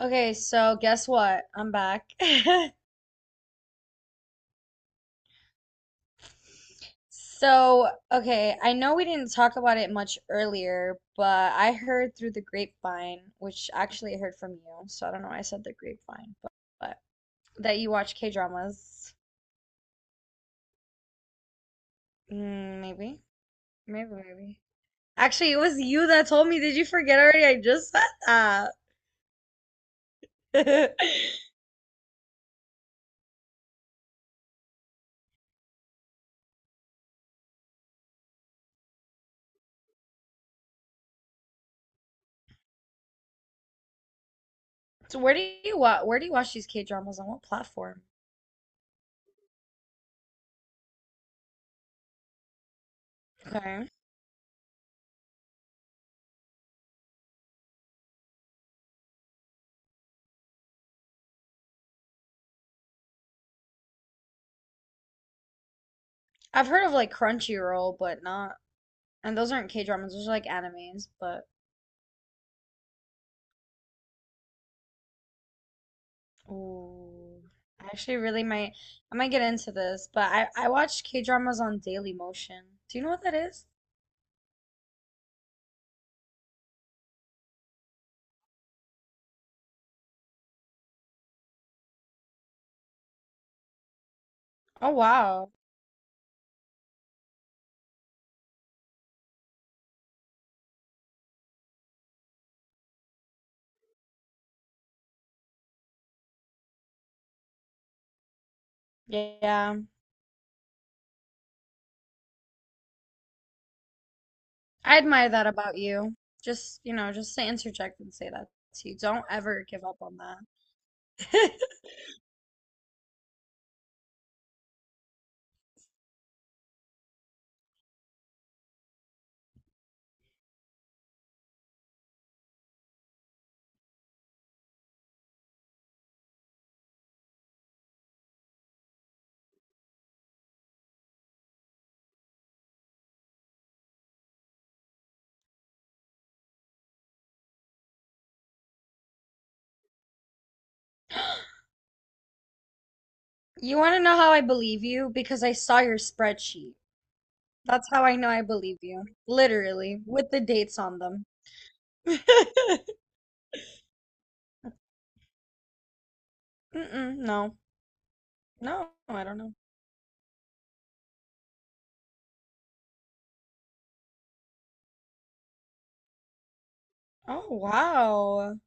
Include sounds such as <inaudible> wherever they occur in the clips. Okay, so guess what? I'm back. <laughs> Okay, I know we didn't talk about it much earlier, but I heard through the grapevine, which actually I heard from you, so I don't know why I said the grapevine, but that you watch K-dramas. Mm, maybe, maybe. Actually, it was you that told me. Did you forget already? I just said that. <laughs> So where do you watch these K-dramas, on what platform? Okay. I've heard of like Crunchyroll, but not. And those aren't K dramas, those are like animes, but ooh, I actually really might I might get into this, but I watch K dramas on Daily Motion. Do you know what that is? Oh wow. Yeah. I admire that about you. Just, just to interject and say that to you. Don't ever give up on that. <laughs> You want to know how I believe you? Because I saw your spreadsheet. That's how I know I believe you. Literally, with the dates on them. <laughs> Mm-mm, no. No, I don't know. Oh wow.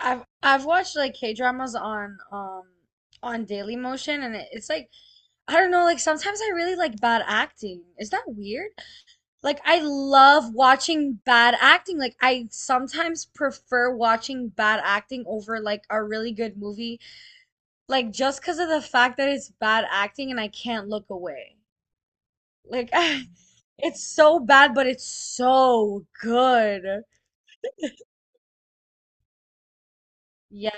I've watched like K-dramas on Daily Motion, and it's like I don't know, like sometimes I really like bad acting. Is that weird? Like I love watching bad acting. Like I sometimes prefer watching bad acting over like a really good movie, like just because of the fact that it's bad acting and I can't look away. Like <laughs> it's so bad but it's so good. Yeah.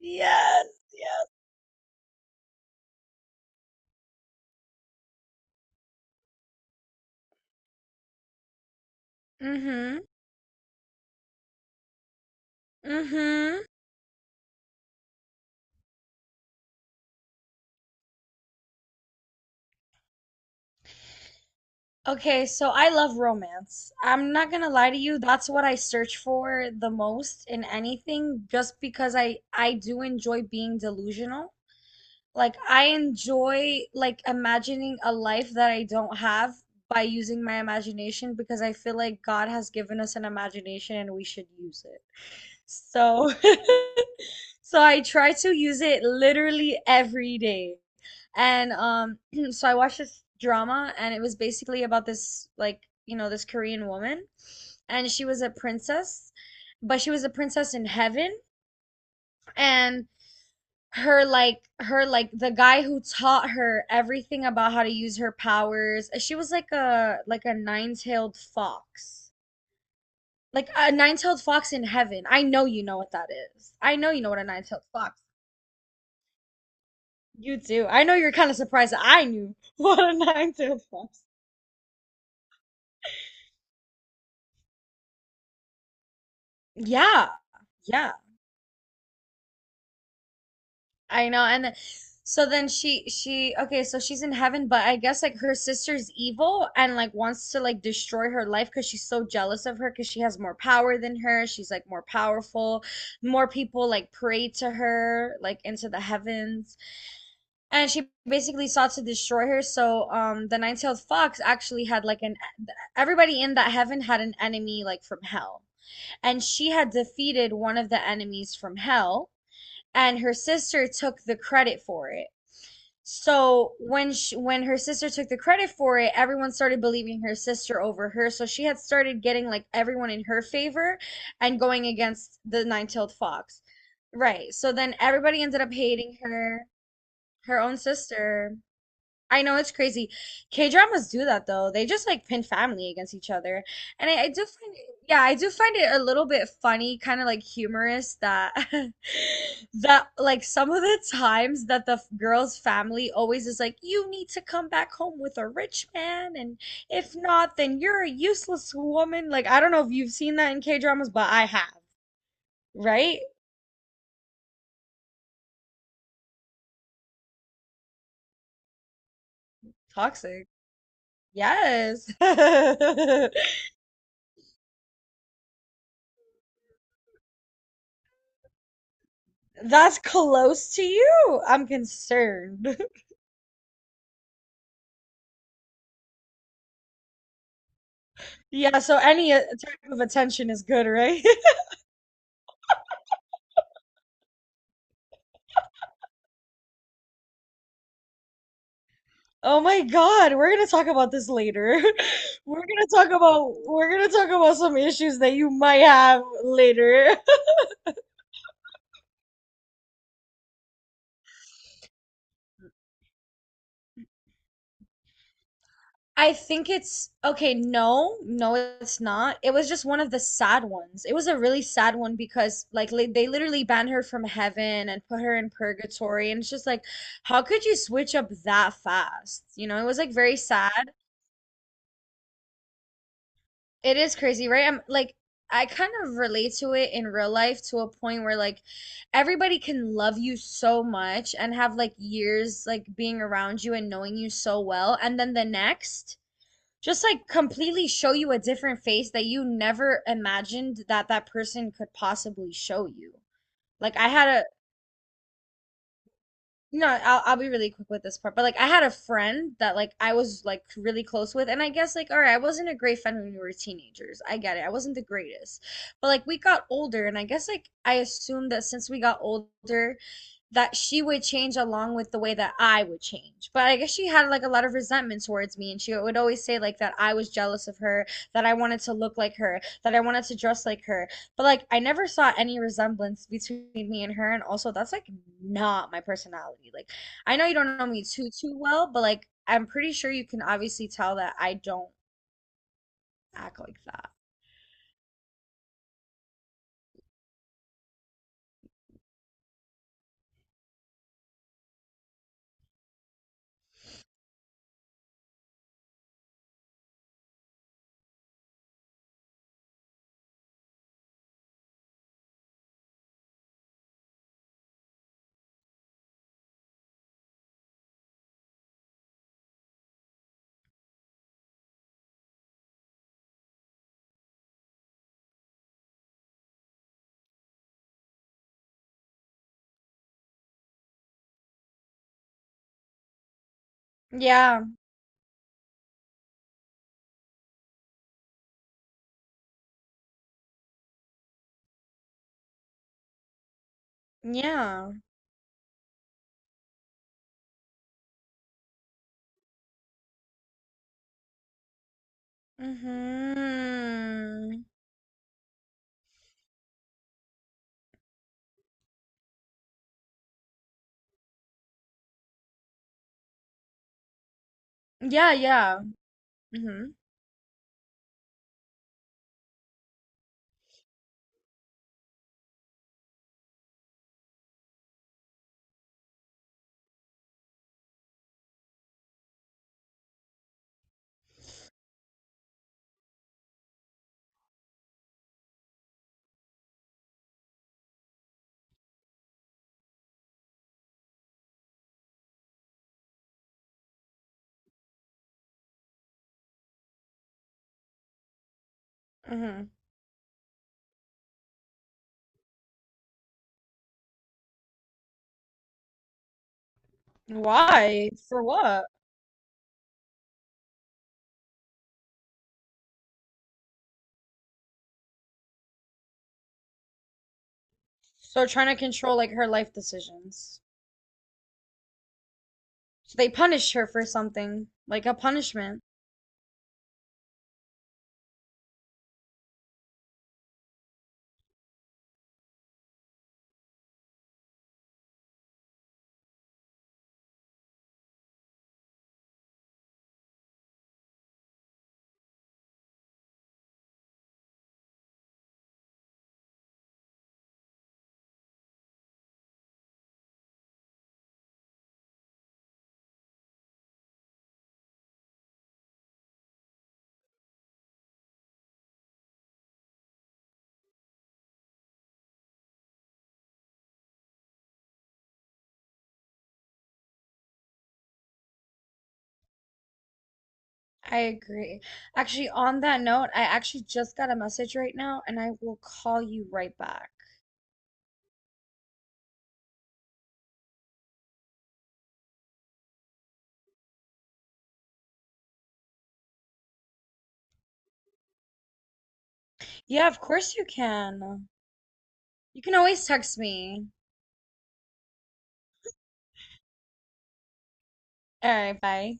Yes. Yeah. Mm-hmm. Mm-hmm. Okay, so I love romance. I'm not gonna lie to you, that's what I search for the most in anything, just because I do enjoy being delusional. Like I enjoy like imagining a life that I don't have by using my imagination, because I feel like God has given us an imagination and we should use it. So <laughs> so I try to use it literally every day. And <clears throat> so I watched this drama and it was basically about this, like, you know, this Korean woman, and she was a princess, but she was a princess in heaven, and her like the guy who taught her everything about how to use her powers. She was like a nine-tailed fox. Like a nine-tailed fox in heaven. I know you know what that is. I know you know what a nine-tailed fox. You do. I know you're kind of surprised that I knew <laughs> what a nine tailed fox. Yeah, yeah, I know. And then, so then she okay, so she's in heaven, but I guess like her sister's evil and like wants to like destroy her life because she's so jealous of her, because she has more power than her. She's like more powerful. More people like pray to her like into the heavens. And she basically sought to destroy her. So the nine-tailed fox actually had like an everybody in that heaven had an enemy like from hell. And she had defeated one of the enemies from hell, and her sister took the credit for it. So when her sister took the credit for it, everyone started believing her sister over her, so she had started getting like everyone in her favor and going against the nine-tailed fox, right? So then everybody ended up hating her. Her own sister. I know it's crazy. K-dramas do that though. They just like pin family against each other. And I do find it, yeah, I do find it a little bit funny, kind of like humorous that <laughs> that like some of the times that the girl's family always is like, "You need to come back home with a rich man, and if not, then you're a useless woman." Like, I don't know if you've seen that in K-dramas, but I have, right? Toxic. Yes. <laughs> That's close to you. I'm concerned. Yeah, so any type of attention is good, right? <laughs> Oh my God, we're gonna talk about this later. <laughs> We're gonna talk about some issues that you might have later. <laughs> I think it's okay, no, no, it's not. It was just one of the sad ones. It was a really sad one because like li they literally banned her from heaven and put her in purgatory, and it's just like how could you switch up that fast? You know, it was like very sad. It is crazy, right? I'm like I kind of relate to it in real life, to a point where like everybody can love you so much and have like years like being around you and knowing you so well, and then the next just like completely show you a different face that you never imagined that that person could possibly show you. Like I had no, I'll be really quick with this part. But like I had a friend that like I was like really close with, and I guess like all right, I wasn't a great friend when we were teenagers. I get it. I wasn't the greatest. But like we got older, and I guess like I assumed that since we got older that she would change along with the way that I would change. But I guess she had like a lot of resentment towards me, and she would always say like that I was jealous of her, that I wanted to look like her, that I wanted to dress like her. But like I never saw any resemblance between me and her, and also that's like not my personality. Like I know you don't know me too well, but like I'm pretty sure you can obviously tell that I don't act like that. Yeah. Yeah. Hmm. Yeah, yeah. Hmm. Hmm. Why? For what? So they're trying to control like her life decisions. So they punished her for something, like a punishment. I agree. Actually, on that note, I actually just got a message right now and I will call you right back. Yeah, of course you can. You can always text me. All right, bye.